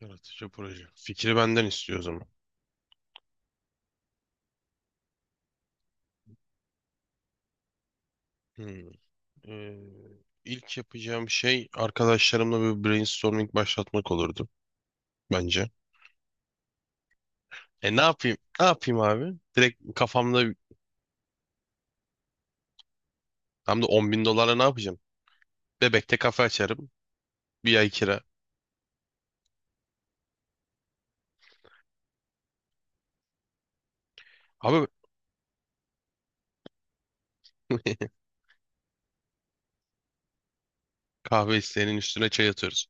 Yaratıcı proje. Fikri benden istiyor o zaman. Hmm. Ee, ilk yapacağım şey arkadaşlarımla bir brainstorming başlatmak olurdu bence. E ne yapayım? Ne yapayım abi? Direkt kafamda hem de 10 bin dolarla ne yapacağım? Bebekte kafe açarım. Bir ay kira. Abi kahve isteğinin üstüne çay atıyoruz.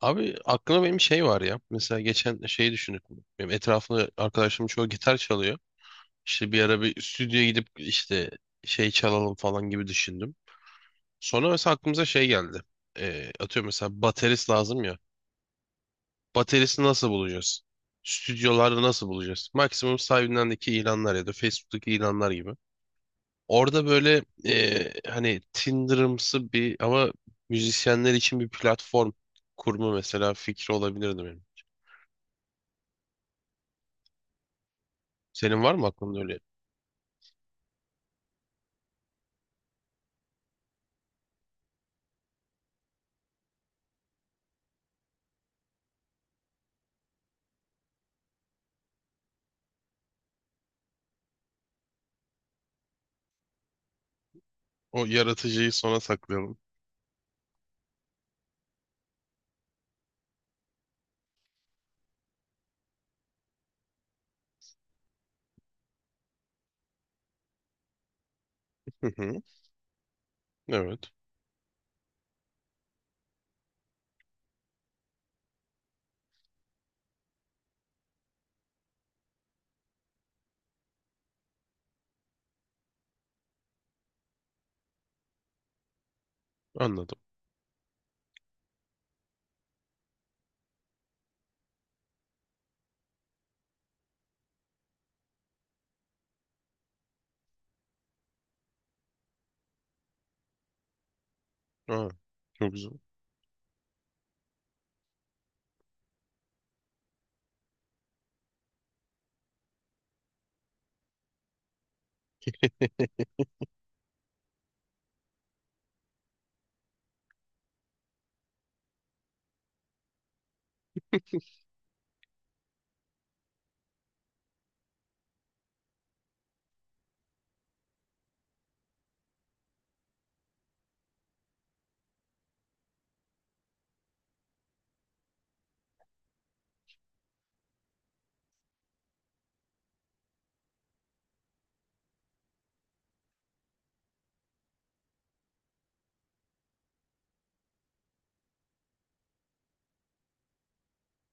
Abi aklıma benim şey var ya. Mesela geçen şeyi düşündük. Benim etrafımda arkadaşlarım çoğu gitar çalıyor. İşte bir ara bir stüdyoya gidip işte şey çalalım falan gibi düşündüm. Sonra mesela aklımıza şey geldi. Atıyorum mesela baterist lazım ya. Bateristi nasıl bulacağız? Stüdyolarda nasıl bulacağız? Maksimum sahibindendeki ilanlar ya da Facebook'taki ilanlar gibi. Orada böyle hani Tinder'ımsı bir ama müzisyenler için bir platform kurma mesela fikri olabilirdi benim. Senin var mı aklında öyle? O yaratıcıyı sona saklayalım. Hı hı. Evet. Anladım. Aa, çok güzel.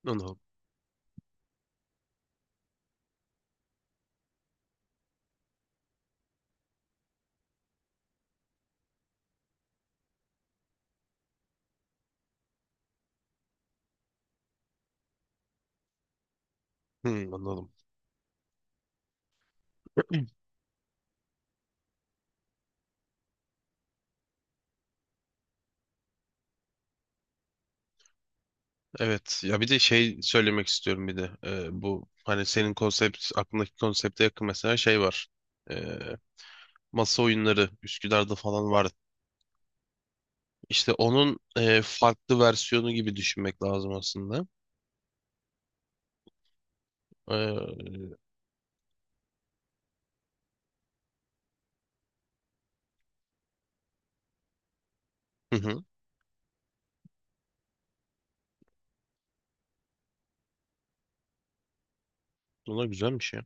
Anladım. Hı, anladım. Evet. Ya bir de şey söylemek istiyorum bir de. Bu hani senin konsept aklındaki konsepte yakın mesela şey var. Ee, Masa oyunları Üsküdar'da falan var. İşte onun e, farklı versiyonu gibi düşünmek lazım aslında. Hı hı. Buna güzelmiş ya.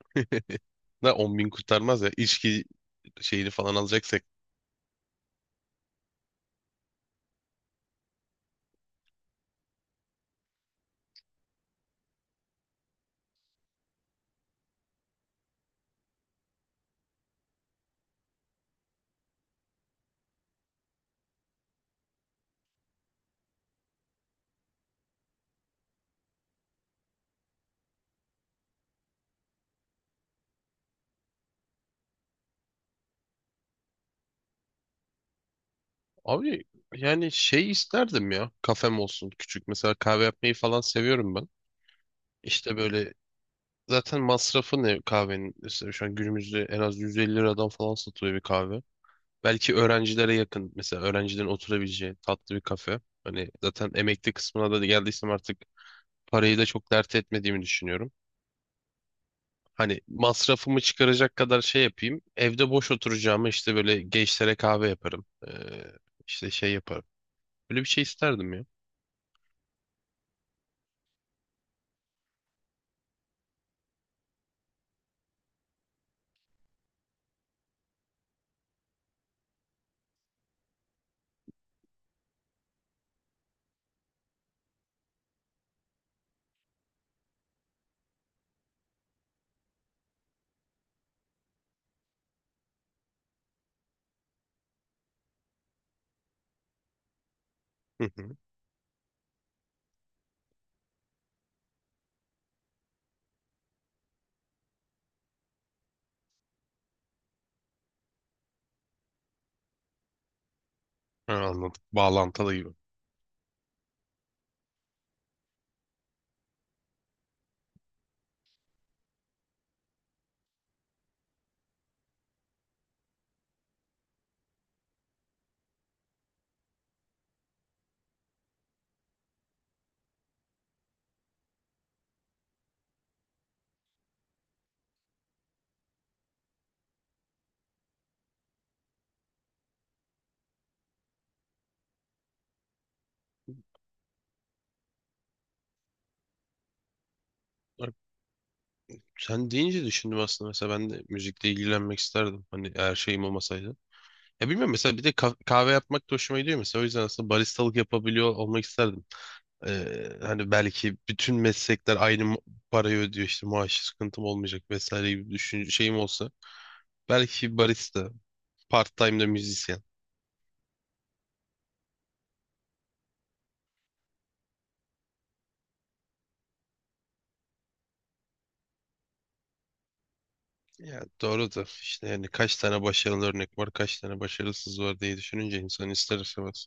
Ne 10 bin kurtarmaz ya. İçki şeyini falan alacaksak. Abi yani şey isterdim ya. Kafem olsun küçük. Mesela kahve yapmayı falan seviyorum ben. İşte böyle zaten masrafı ne kahvenin? Mesela şu an günümüzde en az 150 liradan falan satılıyor bir kahve. Belki öğrencilere yakın. Mesela öğrencilerin oturabileceği tatlı bir kafe. Hani zaten emekli kısmına da geldiysem artık parayı da çok dert etmediğimi düşünüyorum. Hani masrafımı çıkaracak kadar şey yapayım. Evde boş oturacağımı işte böyle gençlere kahve yaparım. İşte şey yaparım. Böyle bir şey isterdim ya. Hı hı. Ha, anladım. Bağlantılı gibi. Sen deyince düşündüm aslında mesela ben de müzikle ilgilenmek isterdim. Hani eğer şeyim olmasaydı. Ya bilmiyorum mesela bir de kahve yapmak da hoşuma gidiyor mesela. O yüzden aslında baristalık yapabiliyor olmak isterdim. Hani belki bütün meslekler aynı mu- parayı ödüyor işte maaş sıkıntım olmayacak vesaire gibi düşün şeyim olsa. Belki barista, part time de müzisyen. Ya doğru da işte yani kaç tane başarılı örnek var, kaç tane başarısız var diye düşününce insan ister istemez.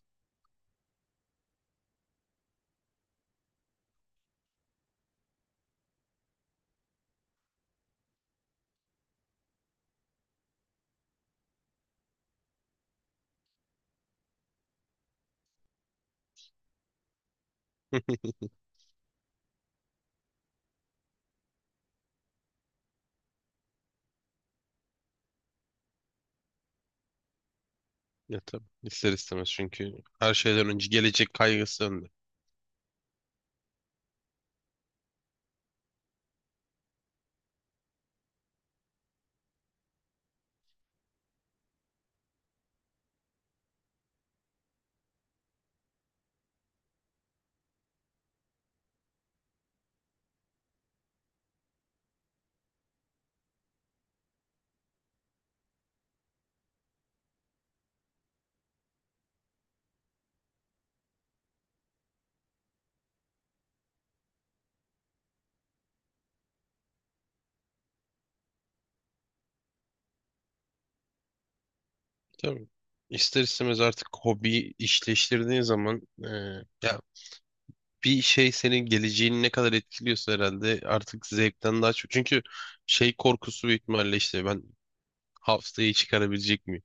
Hı. Ya tabii. İster istemez çünkü her şeyden önce gelecek kaygısı önde. Tabii. İster istemez artık hobi işleştirdiğin zaman ya bir şey senin geleceğini ne kadar etkiliyorsa herhalde artık zevkten daha çok. Çünkü şey korkusu büyük ihtimalle işte ben haftayı çıkarabilecek miyim?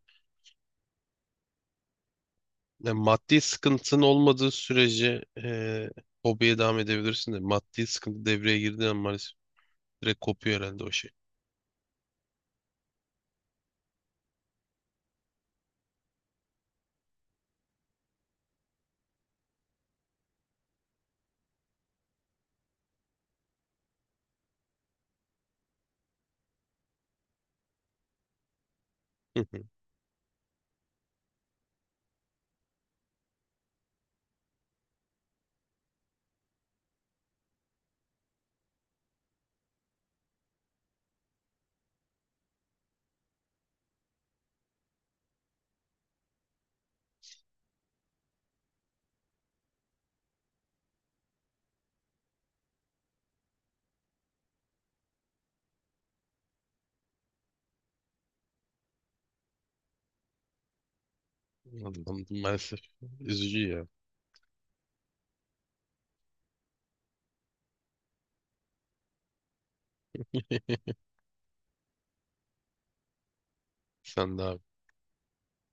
Yani maddi sıkıntın olmadığı sürece hobiye devam edebilirsin de maddi sıkıntı devreye girdiği an maalesef direkt kopuyor herhalde o şey. Anladım. Maalesef üzücü ya. Sen de abi.